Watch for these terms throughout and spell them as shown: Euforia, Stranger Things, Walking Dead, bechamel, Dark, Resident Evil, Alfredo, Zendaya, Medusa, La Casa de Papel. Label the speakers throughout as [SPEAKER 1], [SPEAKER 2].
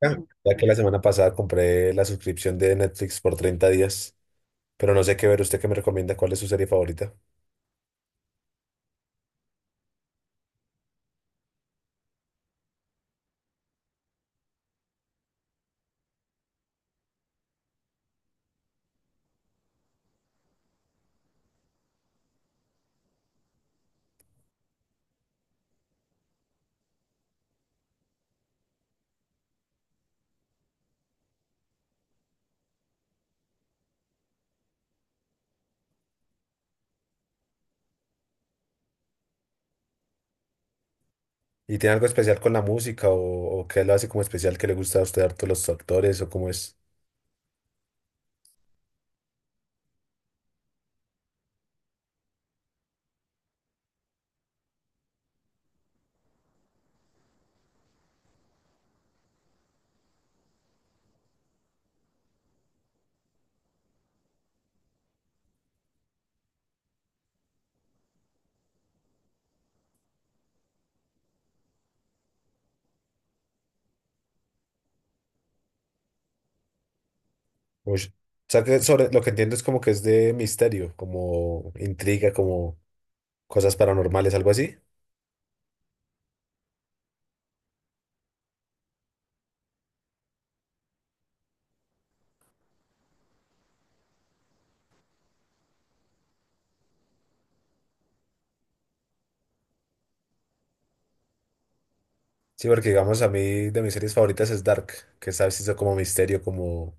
[SPEAKER 1] Ya ya que la semana pasada compré la suscripción de Netflix por 30 días, pero no sé qué ver. ¿Usted qué me recomienda? ¿Cuál es su serie favorita? ¿Y tiene algo especial con la música o qué lo hace como especial que le gusta a usted harto los actores o cómo es? Ush. O sea, que sobre lo que entiendo es como que es de misterio, como intriga, como cosas paranormales, algo así. Sí, porque digamos a mí de mis series favoritas es Dark, que sabes hizo como misterio, como,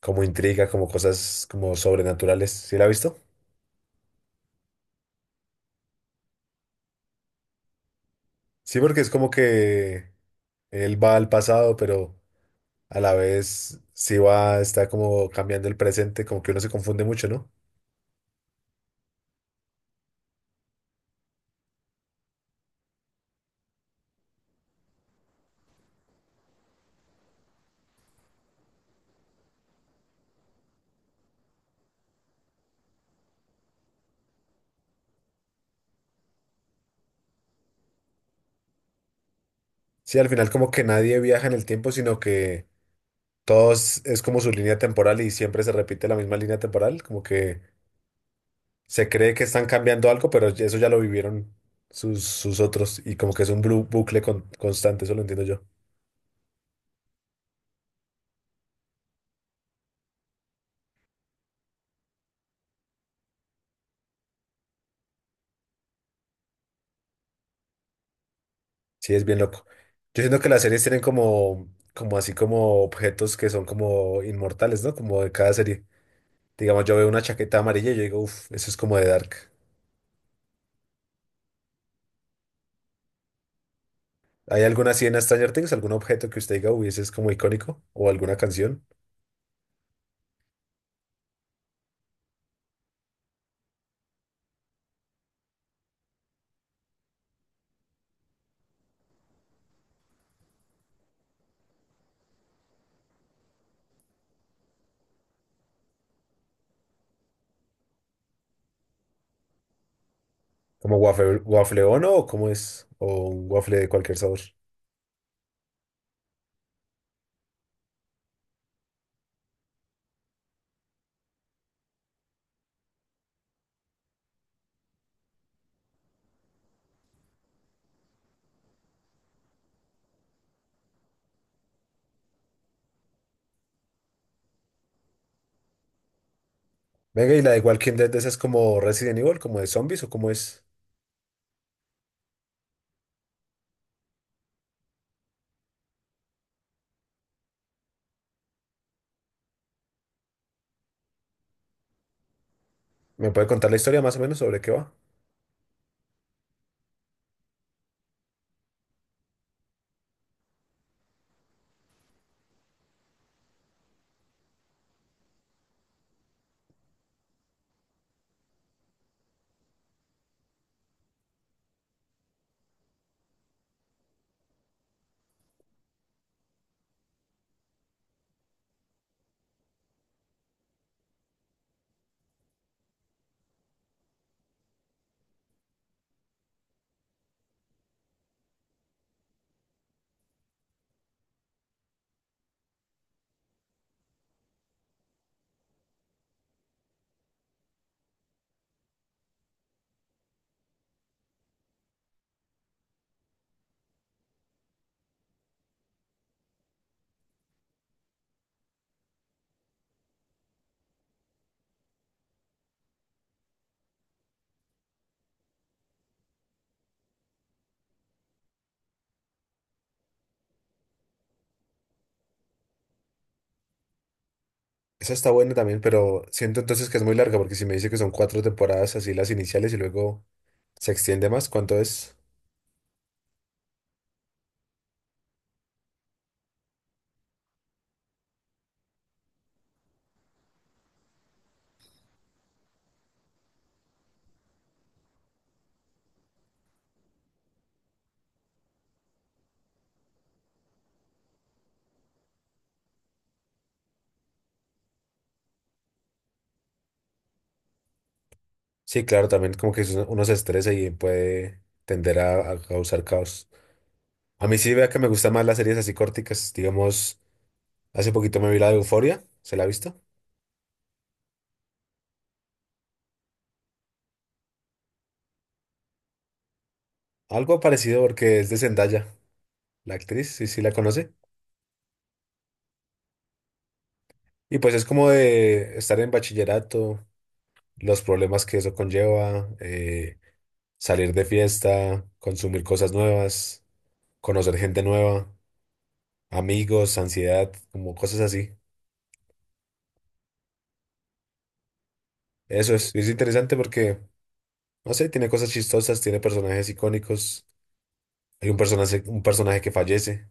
[SPEAKER 1] como intriga, como cosas como sobrenaturales. ¿Sí la ha visto? Sí, porque es como que él va al pasado, pero a la vez sí va, está como cambiando el presente, como que uno se confunde mucho, ¿no? Sí, al final como que nadie viaja en el tiempo, sino que todos es como su línea temporal y siempre se repite la misma línea temporal, como que se cree que están cambiando algo, pero eso ya lo vivieron sus, sus otros y como que es un bucle constante, eso lo entiendo yo. Sí, es bien loco. Yo siento que las series tienen como, como así como objetos que son como inmortales, ¿no? Como de cada serie. Digamos, yo veo una chaqueta amarilla y yo digo, uff, eso es como de Dark. ¿Hay alguna así en Stranger Things? ¿Algún objeto que usted diga, uy, ese es como icónico? ¿O alguna canción? ¿Como waffle, waffle Ono o cómo es? ¿O un waffle de cualquier sabor? Venga, y la de Walking Dead, ¿esa es como Resident Evil, como de zombies o cómo es? ¿Me puede contar la historia más o menos sobre qué va? Esa está buena también, pero siento entonces que es muy larga porque si me dice que son 4 temporadas así las iniciales y luego se extiende más, ¿cuánto es? Sí, claro, también como que uno se estresa y puede tender a causar caos. A mí sí vea que me gustan más las series así corticas. Digamos, hace poquito me vi la de Euforia, ¿se la ha visto? Algo parecido porque es de Zendaya, la actriz, sí, sí la conoce. Y pues es como de estar en bachillerato, los problemas que eso conlleva, salir de fiesta, consumir cosas nuevas, conocer gente nueva, amigos, ansiedad, como cosas así. Eso es interesante porque, no sé, tiene cosas chistosas, tiene personajes icónicos, hay un personaje que fallece.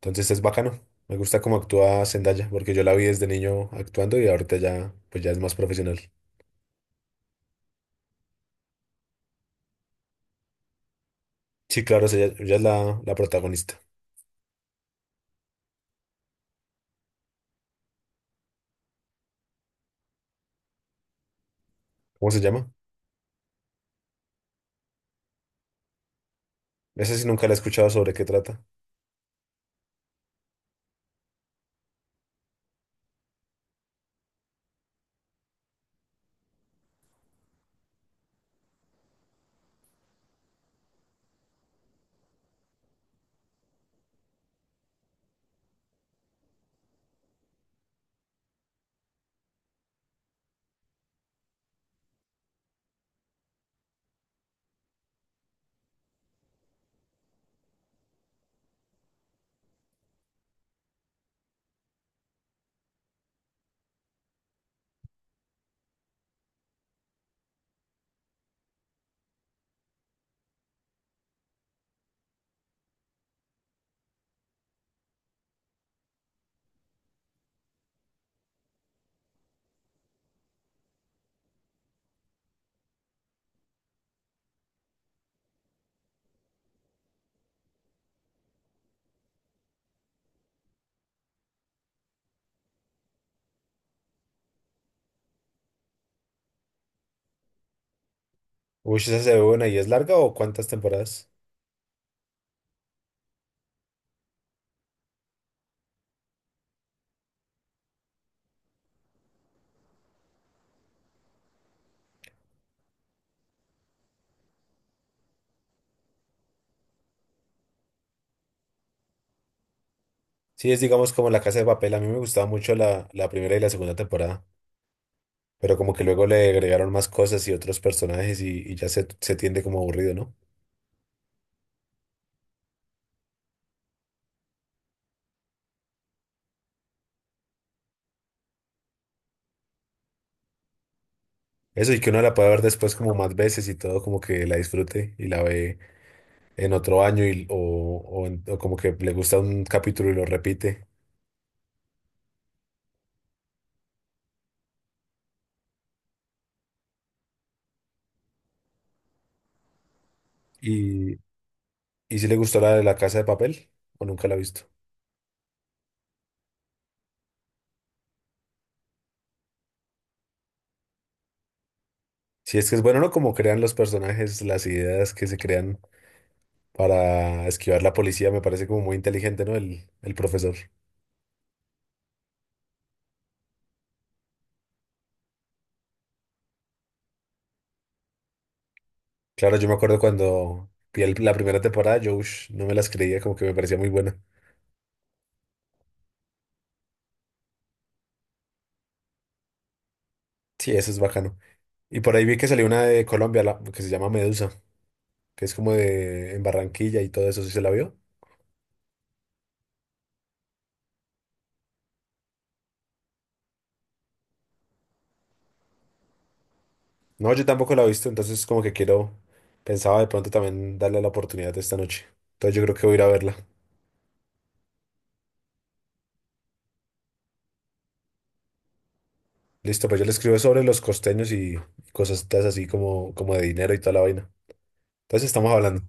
[SPEAKER 1] Entonces es bacano. Me gusta cómo actúa Zendaya, porque yo la vi desde niño actuando y ahorita ya, pues ya es más profesional. Sí, claro, es ella, ella es la, la protagonista. ¿Cómo se llama? Esa sí nunca la he escuchado sobre qué trata. Uy, ¿esa se ve buena y es larga o cuántas temporadas? Sí, es digamos como La Casa de Papel. A mí me gustaba mucho la, la primera y la segunda temporada, pero como que luego le agregaron más cosas y otros personajes y ya se tiende como aburrido, ¿no? Eso y que uno la pueda ver después como más veces y todo, como que la disfrute y la ve en otro año o como que le gusta un capítulo y lo repite. Y, y si le gustó la de la Casa de Papel o nunca la ha visto. Si es que es bueno, ¿no? Como crean los personajes, las ideas que se crean para esquivar la policía, me parece como muy inteligente, ¿no? El profesor. Claro, yo me acuerdo cuando vi la primera temporada, yo ush, no me las creía, como que me parecía muy buena. Sí, eso es bacano. Y por ahí vi que salió una de Colombia, que se llama Medusa, que es como de en Barranquilla y todo eso, ¿sí se la vio? No, yo tampoco la he visto, entonces como que quiero, pensaba de pronto también darle la oportunidad de esta noche. Entonces yo creo que voy a ir a verla. Listo, pues yo le escribo sobre los costeños y cosas así como, como de dinero y toda la vaina. Entonces estamos hablando.